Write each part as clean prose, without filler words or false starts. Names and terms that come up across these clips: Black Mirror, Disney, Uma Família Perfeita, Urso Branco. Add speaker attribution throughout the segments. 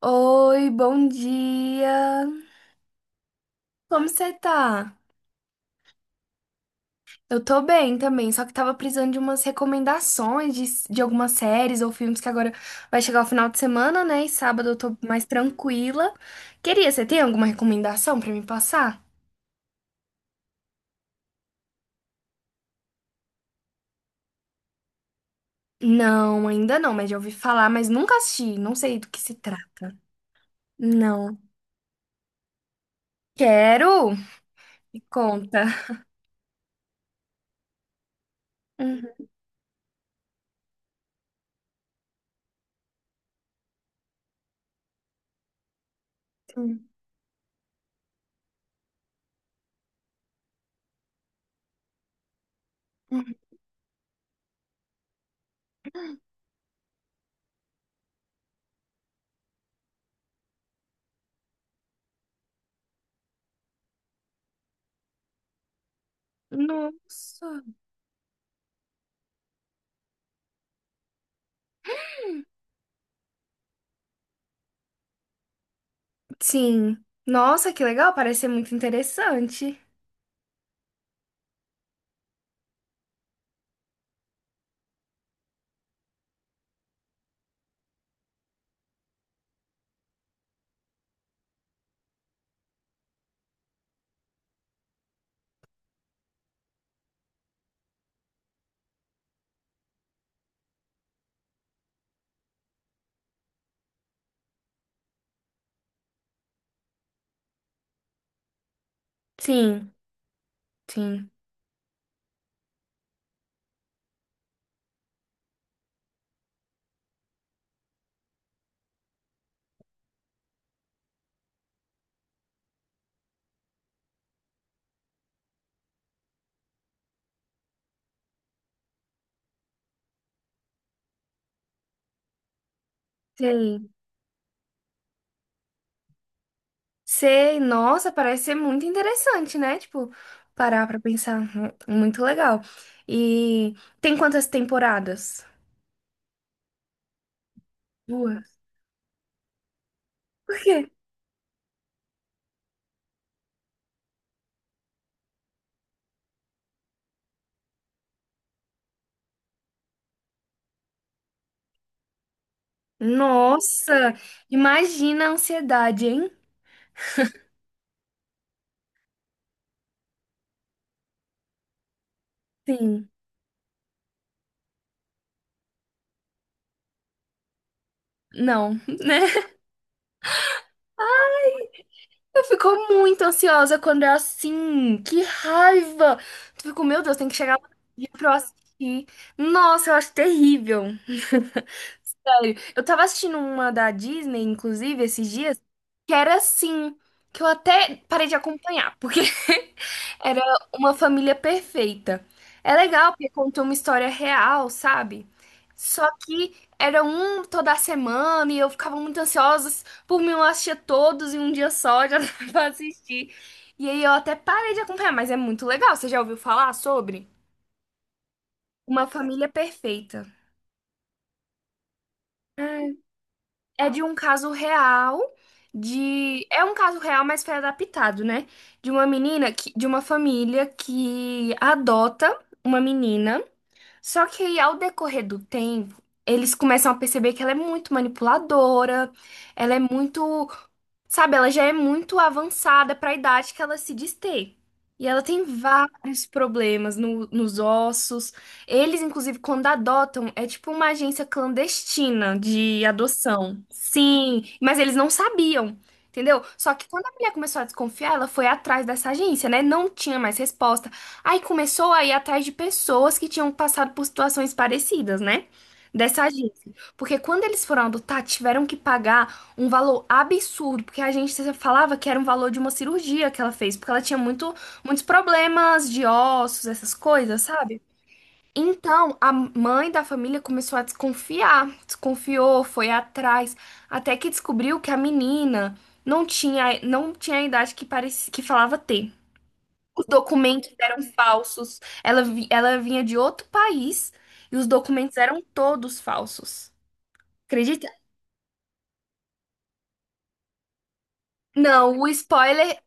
Speaker 1: Oi, bom dia. Como você tá? Eu tô bem também, só que tava precisando de umas recomendações de algumas séries ou filmes que agora vai chegar o final de semana, né? E sábado eu tô mais tranquila. Queria, você tem alguma recomendação pra me passar? Não, ainda não, mas já ouvi falar, mas nunca assisti, não sei do que se trata. Não. Quero? Me conta. Uhum. Uhum. Nossa. Sim. Nossa, que legal, parece ser muito interessante. Sim. Sim. Sei. Sei. Nossa, parece ser muito interessante, né? Tipo, parar pra pensar. Muito legal. E tem quantas temporadas? Duas. Por quê? Nossa, imagina a ansiedade, hein? Sim. Não, né? Eu fico muito ansiosa quando é assim. Que raiva! Tu ficou, meu Deus, tem que chegar lá pra eu assistir. Nossa, eu acho terrível. Olha, eu tava assistindo uma da Disney, inclusive, esses dias, que era assim, que eu até parei de acompanhar, porque era uma família perfeita. É legal, porque conta uma história real, sabe? Só que era um toda semana e eu ficava muito ansiosa. Por mim, eu assistia todos em um dia só, já dava pra assistir. E aí eu até parei de acompanhar, mas é muito legal. Você já ouviu falar sobre Uma Família Perfeita? É de um caso real, de é um caso real, mas foi adaptado, né? De uma família que adota uma menina, só que aí, ao decorrer do tempo, eles começam a perceber que ela é muito manipuladora, ela é muito, sabe, ela já é muito avançada para a idade que ela se diz ter. E ela tem vários problemas nos ossos. Eles, inclusive, quando adotam, é tipo uma agência clandestina de adoção. Sim, mas eles não sabiam, entendeu? Só que quando a mulher começou a desconfiar, ela foi atrás dessa agência, né? Não tinha mais resposta. Aí começou a ir atrás de pessoas que tinham passado por situações parecidas, né? Dessa agência. Porque quando eles foram adotar, tiveram que pagar um valor absurdo, porque a agência falava que era um valor de uma cirurgia que ela fez, porque ela tinha muitos problemas de ossos, essas coisas, sabe? Então, a mãe da família começou a desconfiar, desconfiou, foi atrás, até que descobriu que a menina não tinha a idade que parecia, que falava ter. Os documentos eram falsos. Ela vinha de outro país e os documentos eram todos falsos. Acredita? Não, o spoiler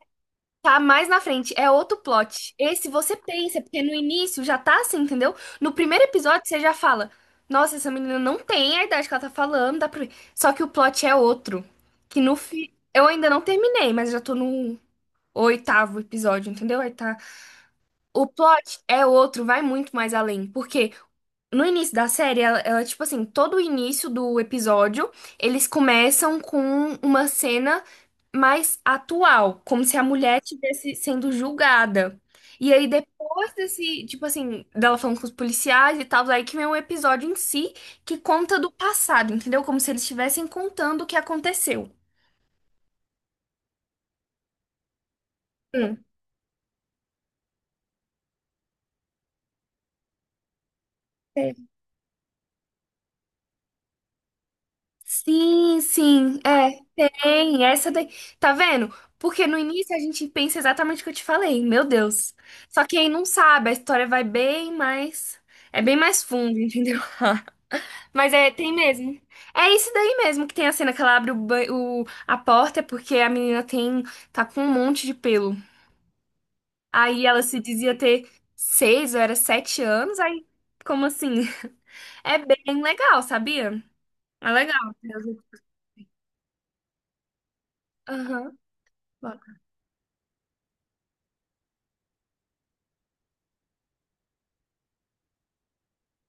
Speaker 1: tá mais na frente. É outro plot. Esse você pensa, porque no início já tá assim, entendeu? No primeiro episódio você já fala: "Nossa, essa menina não tem a idade que ela tá falando. Dá pra ver." Só que o plot é outro. Que no fi... Eu ainda não terminei, mas já tô no oitavo episódio, entendeu? Aí tá. O plot é outro, vai muito mais além. Porque no início da série, ela, tipo assim, todo o início do episódio, eles começam com uma cena mais atual, como se a mulher estivesse sendo julgada. E aí, depois desse, tipo assim, dela falando com os policiais e tal, aí que vem um episódio em si que conta do passado, entendeu? Como se eles estivessem contando o que aconteceu. Hum. Sim, sim, é, tem, essa daí, tá vendo? Porque no início a gente pensa exatamente o que eu te falei, meu Deus. Só que aí não sabe, a história vai bem mais, é bem mais fundo, entendeu? Mas é, tem mesmo. É isso daí mesmo, que tem a cena que ela abre a porta, é porque a menina tá com um monte de pelo. Aí ela se dizia ter 6 ou era 7 anos, aí como assim? É bem legal, sabia? É legal. Aham. Bom.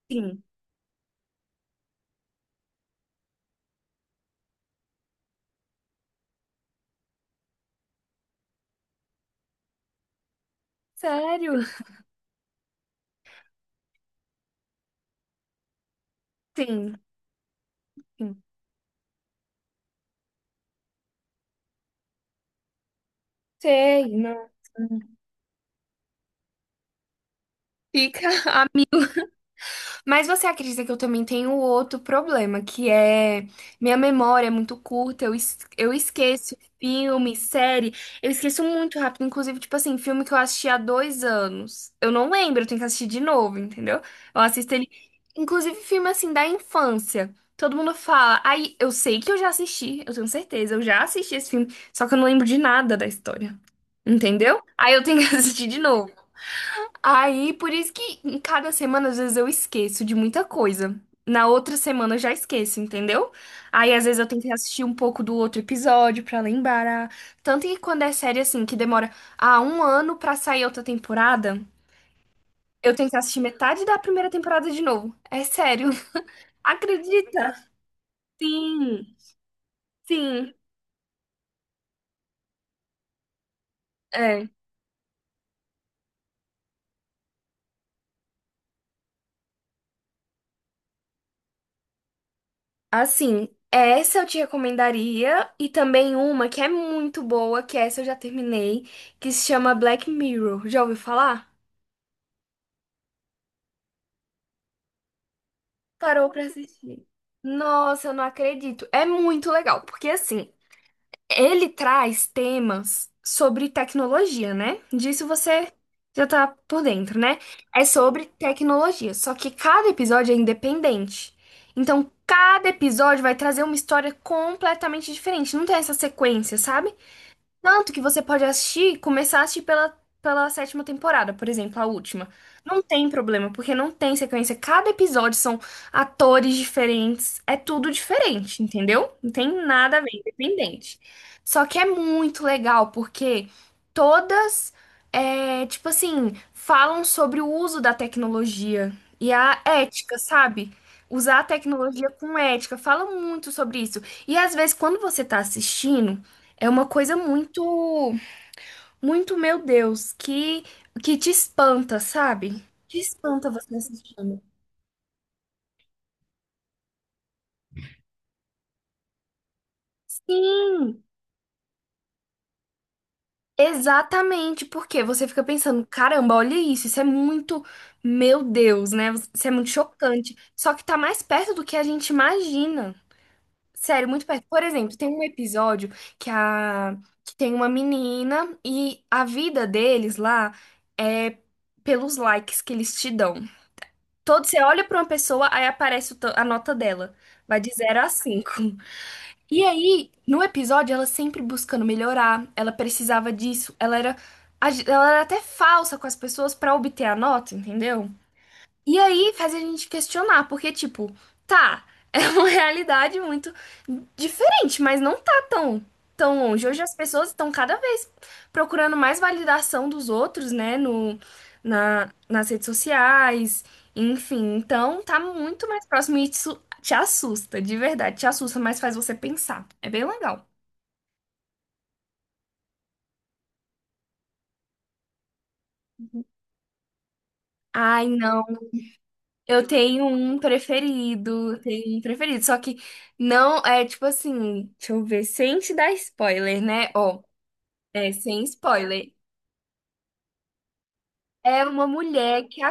Speaker 1: Sim. Sério? Sim, sim. Sei, não. Fica. Mas você acredita que eu também tenho outro problema, que é minha memória é muito curta, eu esqueço filme, série, eu esqueço muito rápido, inclusive, tipo assim, filme que eu assisti há 2 anos. Eu não lembro, eu tenho que assistir de novo, entendeu? Eu assisto ele, inclusive filme assim da infância. Todo mundo fala, aí eu sei que eu já assisti, eu tenho certeza, eu já assisti esse filme, só que eu não lembro de nada da história. Entendeu? Aí eu tenho que assistir de novo. Aí, por isso que em cada semana, às vezes, eu esqueço de muita coisa. Na outra semana eu já esqueço, entendeu? Aí, às vezes, eu tenho que assistir um pouco do outro episódio pra lembrar. Tanto que quando é série assim, que demora um ano pra sair outra temporada, eu tenho que assistir metade da primeira temporada de novo. É sério. Acredita? Sim, sim. É. Assim, essa eu te recomendaria e também uma que é muito boa, que essa eu já terminei, que se chama Black Mirror. Já ouviu falar? Parou pra assistir. Nossa, eu não acredito. É muito legal, porque assim, ele traz temas sobre tecnologia, né? Disso você já tá por dentro, né? É sobre tecnologia, só que cada episódio é independente. Então, cada episódio vai trazer uma história completamente diferente. Não tem essa sequência, sabe? Tanto que você pode assistir, começar a assistir pela sétima temporada, por exemplo, a última. Não tem problema, porque não tem sequência. Cada episódio são atores diferentes, é tudo diferente, entendeu? Não tem nada a ver, independente. Só que é muito legal, porque todas, é, tipo assim, falam sobre o uso da tecnologia e a ética, sabe? Usar a tecnologia com ética, fala muito sobre isso. E às vezes, quando você tá assistindo. É uma coisa muito, muito, meu Deus, que te espanta, sabe? Te espanta você assistindo. Sim, exatamente, porque você fica pensando, caramba, olha isso, isso é muito, meu Deus, né? Isso é muito chocante. Só que tá mais perto do que a gente imagina. Sério, muito perto. Por exemplo, tem um episódio que a que tem uma menina, e a vida deles lá é pelos likes que eles te dão. Todo, você olha para uma pessoa, aí aparece a nota dela. Vai de 0 a 5. E aí, no episódio, ela sempre buscando melhorar, ela precisava disso, ela era até falsa com as pessoas para obter a nota, entendeu? E aí faz a gente questionar, porque, tipo, tá, é uma realidade muito diferente, mas não tá tão, tão longe. Hoje as pessoas estão cada vez procurando mais validação dos outros, né, no, na, nas redes sociais, enfim. Então, tá muito mais próximo e isso te assusta, de verdade, te assusta, mas faz você pensar. É bem legal. Ai, não. Eu tenho um preferido, só que não é tipo assim, deixa eu ver, sem te dar spoiler, né? Ó, é sem spoiler. É uma mulher que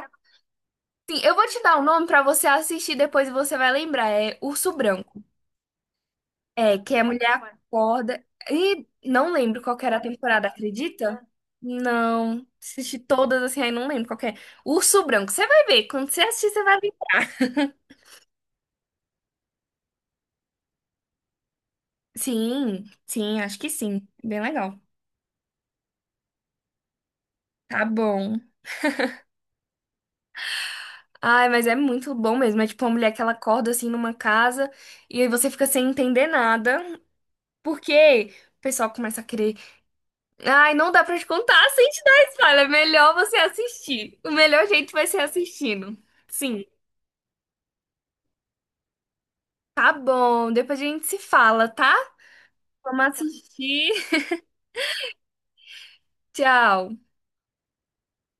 Speaker 1: assim, eu vou te dar o nome pra você assistir depois e você vai lembrar, é Urso Branco. É, que a mulher acorda e não lembro qual que era a temporada, acredita? Não, assisti todas assim, aí não lembro qual que é. Urso Branco, você vai ver, quando você assistir você vai ver. Sim, sim, acho que sim. Bem legal. Tá bom. Ai, mas é muito bom mesmo. É tipo uma mulher que ela acorda assim numa casa e aí você fica sem entender nada, porque o pessoal começa a querer. Ai, não dá pra te contar sem te dar spoiler. É melhor você assistir. O melhor jeito vai ser assistindo. Sim, tá bom. Depois a gente se fala, tá? Vamos assistir. Tchau.